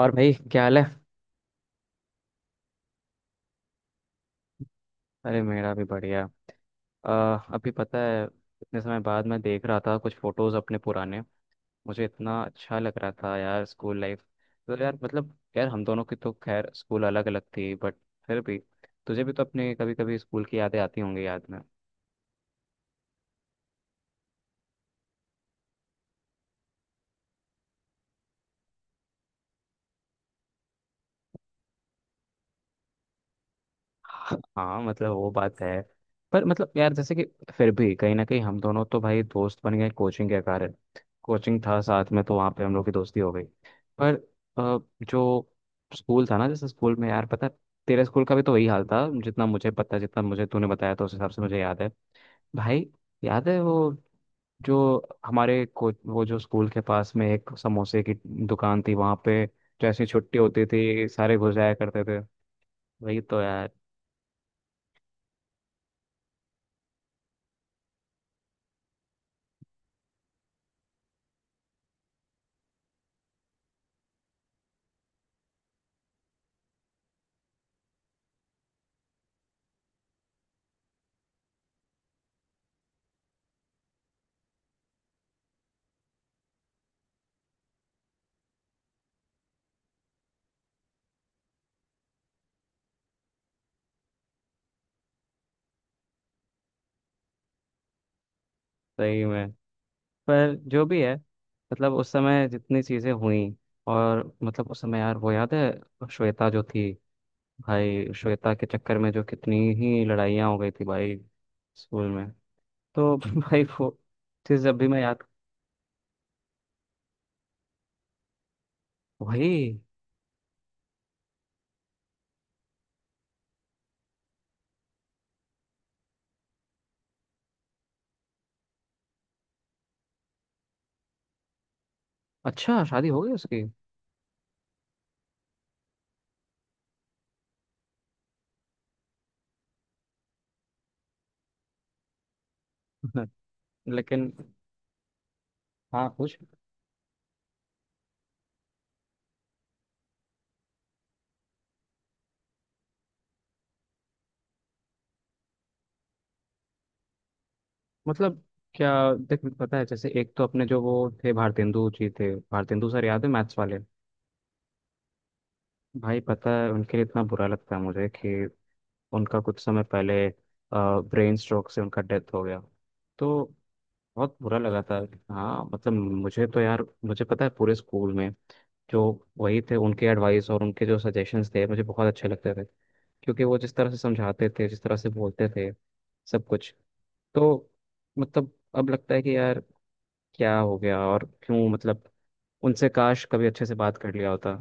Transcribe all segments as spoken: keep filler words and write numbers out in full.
और भाई क्या हाल है? अरे मेरा भी बढ़िया। अ, अभी पता है, इतने समय बाद मैं देख रहा था कुछ फोटोज अपने पुराने। मुझे इतना अच्छा लग रहा था यार, स्कूल लाइफ। तो यार मतलब यार हम दोनों की तो खैर स्कूल अलग अलग थी, बट फिर भी तुझे भी तो अपने कभी कभी स्कूल की यादें आती होंगी याद में। हाँ मतलब वो बात है। पर मतलब यार जैसे कि फिर भी कहीं ना कहीं हम दोनों तो भाई दोस्त बन गए कोचिंग के कारण। कोचिंग था साथ में तो वहाँ पे हम लोग की दोस्ती हो गई। पर अ, जो स्कूल था ना, जैसे स्कूल में यार पता है, तेरे स्कूल का भी तो वही हाल था जितना मुझे पता है, जितना मुझे तूने बताया तो उस हिसाब से मुझे याद है। भाई याद है वो जो हमारे को, वो जो स्कूल के पास में एक समोसे की दुकान थी वहाँ पे, जैसे छुट्टी होती थी सारे घुस जाया करते थे। वही तो यार। सही में। पर जो भी है, मतलब उस समय जितनी चीज़ें हुई, और मतलब उस समय यार वो याद है श्वेता जो थी, भाई श्वेता के चक्कर में जो कितनी ही लड़ाइयाँ हो गई थी भाई स्कूल में। तो भाई वो चीज़ जब भी मैं याद। वही। अच्छा, शादी हो गई उसकी? लेकिन। हाँ कुछ। मतलब क्या, देख पता है जैसे एक तो अपने जो वो थे, भारतेंदु जी थे, भारतेंदु सर याद है मैथ्स वाले। भाई पता है उनके लिए इतना बुरा लगता है मुझे कि उनका कुछ समय पहले ब्रेन स्ट्रोक से उनका डेथ हो गया। तो बहुत बुरा लगा था। हाँ मतलब मुझे तो यार मुझे पता है पूरे स्कूल में जो वही थे, उनके एडवाइस और उनके जो सजेशंस थे मुझे बहुत अच्छे लगते थे, क्योंकि वो जिस तरह से समझाते थे जिस तरह से बोलते थे सब कुछ। तो मतलब अब लगता है कि यार क्या हो गया और क्यों, मतलब उनसे काश कभी अच्छे से बात कर लिया होता।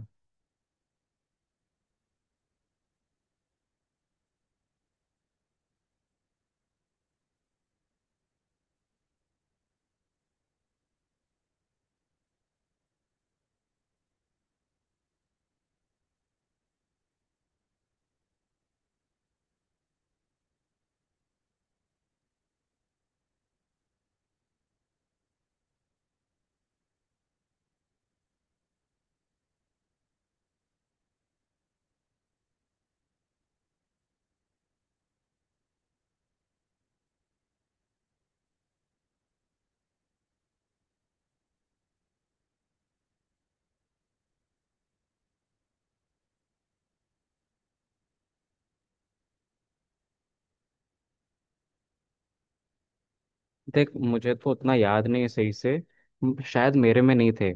देख मुझे तो उतना याद नहीं है सही से। म- शायद मेरे में नहीं थे।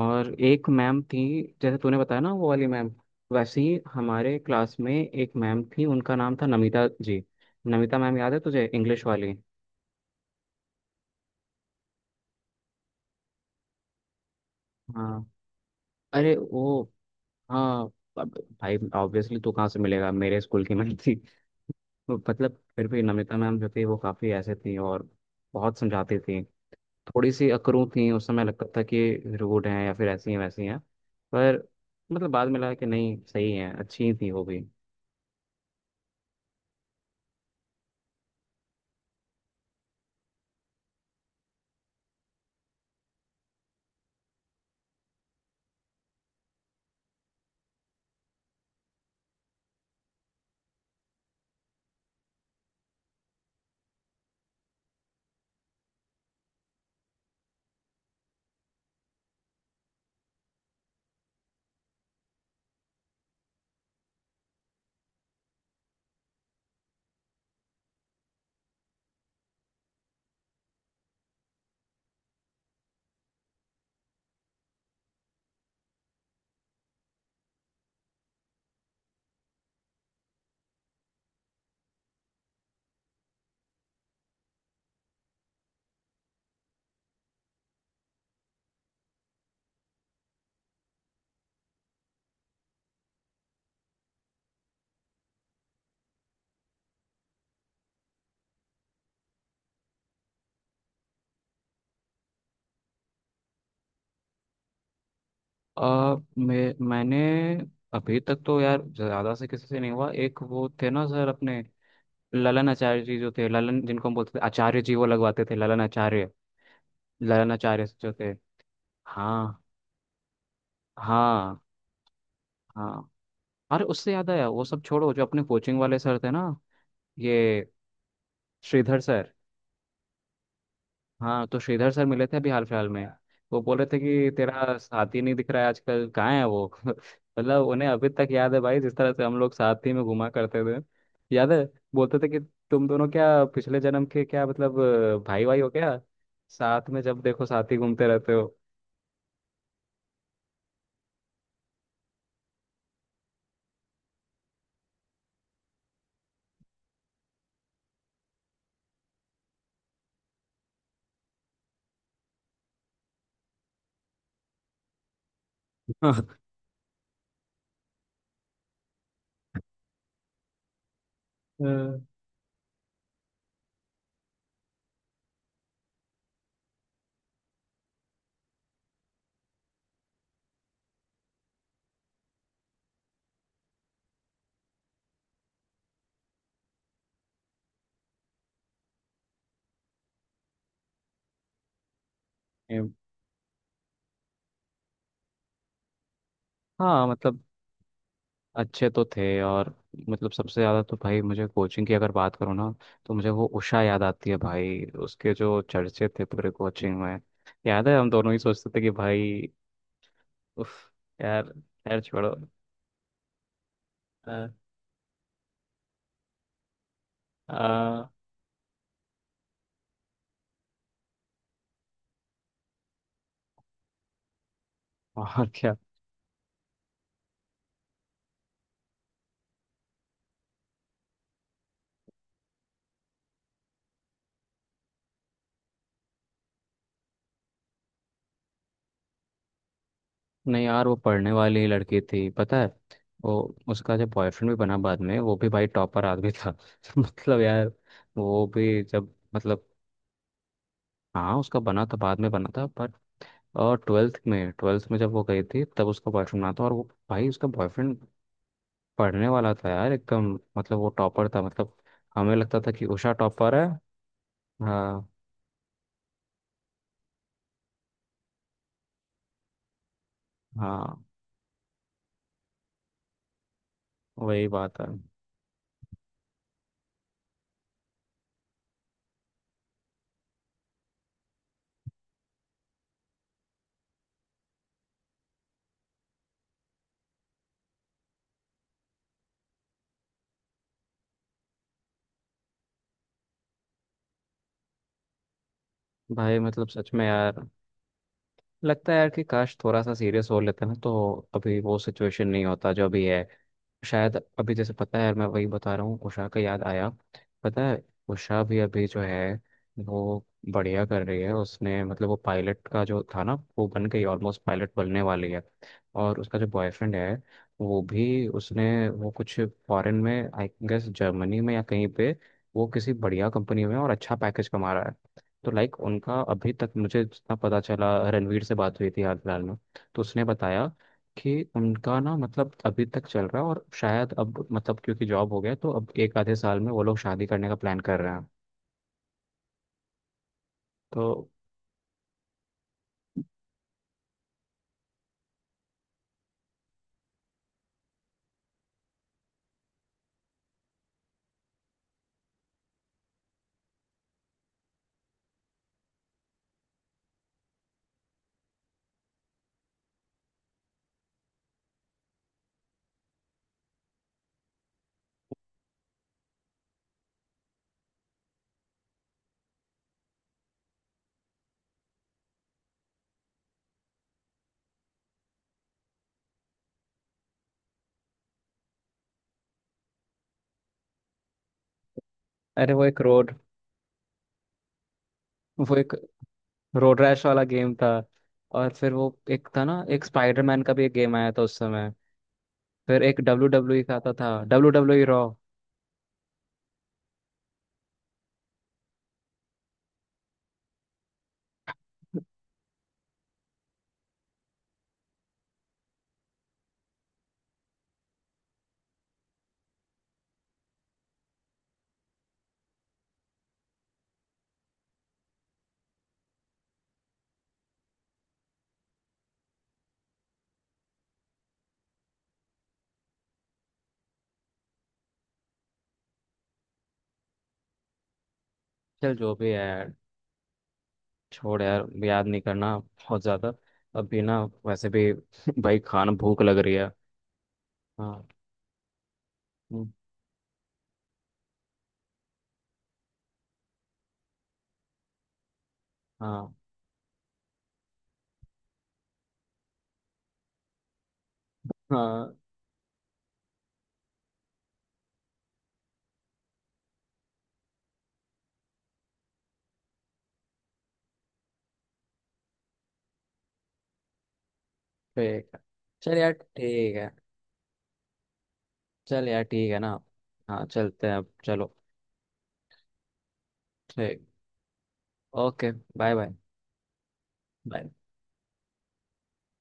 और एक मैम थी जैसे तूने बताया ना वो वाली मैम, वैसे ही हमारे क्लास में एक मैम थी, उनका नाम था नमिता जी। नमिता मैम याद है तुझे, इंग्लिश वाली? हाँ। अरे वो, हाँ अब भाई ऑब्वियसली तू कहाँ से मिलेगा, मेरे स्कूल की मैम थी तो मतलब फिर भी नमिता मैम जो थी वो काफ़ी ऐसे थी, और बहुत समझाती थी। थोड़ी सी अकरूं थी, उस समय लगता था कि रूड हैं या फिर ऐसी हैं वैसी हैं। पर मतलब बाद में लगा कि नहीं सही हैं, अच्छी थी वो भी। आ, मैं मैंने अभी तक तो यार ज़्यादा से किसी से नहीं हुआ, एक वो थे ना सर अपने, ललन आचार्य जी जो थे, ललन जिनको हम बोलते थे आचार्य जी, वो लगवाते थे ललन आचार्य, ललन आचार्य जो थे। हाँ। हाँ हाँ। अरे उससे याद आया, वो सब छोड़ो, जो अपने कोचिंग वाले सर थे ना, ये श्रीधर सर। हाँ तो श्रीधर सर मिले थे अभी हाल फिलहाल में। वो बोल रहे थे कि तेरा साथी नहीं दिख रहा है आजकल, कहाँ है वो मतलब उन्हें अभी तक याद है भाई, जिस तरह से हम लोग साथी में घुमा करते थे। याद है, बोलते थे कि तुम दोनों क्या पिछले जन्म के, क्या मतलब अ, भाई भाई हो क्या, साथ में जब देखो साथी घूमते रहते हो हाँ। हम्म। हाँ मतलब अच्छे तो थे। और मतलब सबसे ज़्यादा तो भाई मुझे कोचिंग की अगर बात करूँ ना, तो मुझे वो उषा याद आती है, भाई उसके जो चर्चे थे पूरे कोचिंग में। याद है, हम दोनों ही सोचते थे कि भाई, उफ यार, यार छोड़ो। आ, आ, और क्या। नहीं यार वो पढ़ने वाली लड़की थी, पता है वो, उसका जो बॉयफ्रेंड भी बना बाद में वो भी भाई टॉपर आदमी था मतलब यार वो भी जब मतलब, हाँ उसका बना था, बाद में बना था, पर और ट्वेल्थ में ट्वेल्थ में जब वो गई थी तब उसका बॉयफ्रेंड बना था। और वो, भाई उसका बॉयफ्रेंड पढ़ने वाला था यार एकदम, मतलब वो टॉपर था, मतलब हमें लगता था कि उषा टॉपर है। हाँ। हाँ वही बात है। भाई मतलब सच में यार लगता है यार कि काश थोड़ा सा सीरियस हो लेते ना, तो अभी वो सिचुएशन नहीं होता जो अभी है। शायद अभी जैसे पता है यार, मैं वही बता रहा हूँ, उषा का याद आया। पता है, उषा भी अभी जो है वो बढ़िया कर रही है, उसने मतलब वो पायलट का जो था ना वो बन गई, ऑलमोस्ट पायलट बनने वाली है। और उसका जो बॉयफ्रेंड है वो भी, उसने वो कुछ फॉरेन में आई गेस, जर्मनी में या कहीं पे, वो किसी बढ़िया कंपनी में और अच्छा पैकेज कमा रहा है। तो लाइक उनका अभी तक मुझे जितना पता चला, रणवीर से बात हुई थी हाल फिलहाल में तो उसने बताया कि उनका ना मतलब अभी तक चल रहा है, और शायद अब मतलब क्योंकि जॉब हो गया तो अब एक आधे साल में वो लोग शादी करने का प्लान कर रहे हैं। तो अरे वो एक रोड, वो एक रोड रैश वाला गेम था। और फिर वो एक था ना, एक स्पाइडरमैन का भी एक गेम आया था उस समय। फिर एक डब्ल्यू डब्ल्यू ई का आता था, डब्ल्यू डब्ल्यू ई रॉ। चल जो भी है, छोड़ यार याद नहीं करना बहुत ज्यादा। अभी ना वैसे भी भाई खाना, भूख लग रही है। हाँ। हम्म। हाँ। हाँ ठीक है। चल यार ठीक है। चल यार ठीक है ना। हाँ चलते हैं, अब चलो। ठीक। ओके। Bye bye. बाय।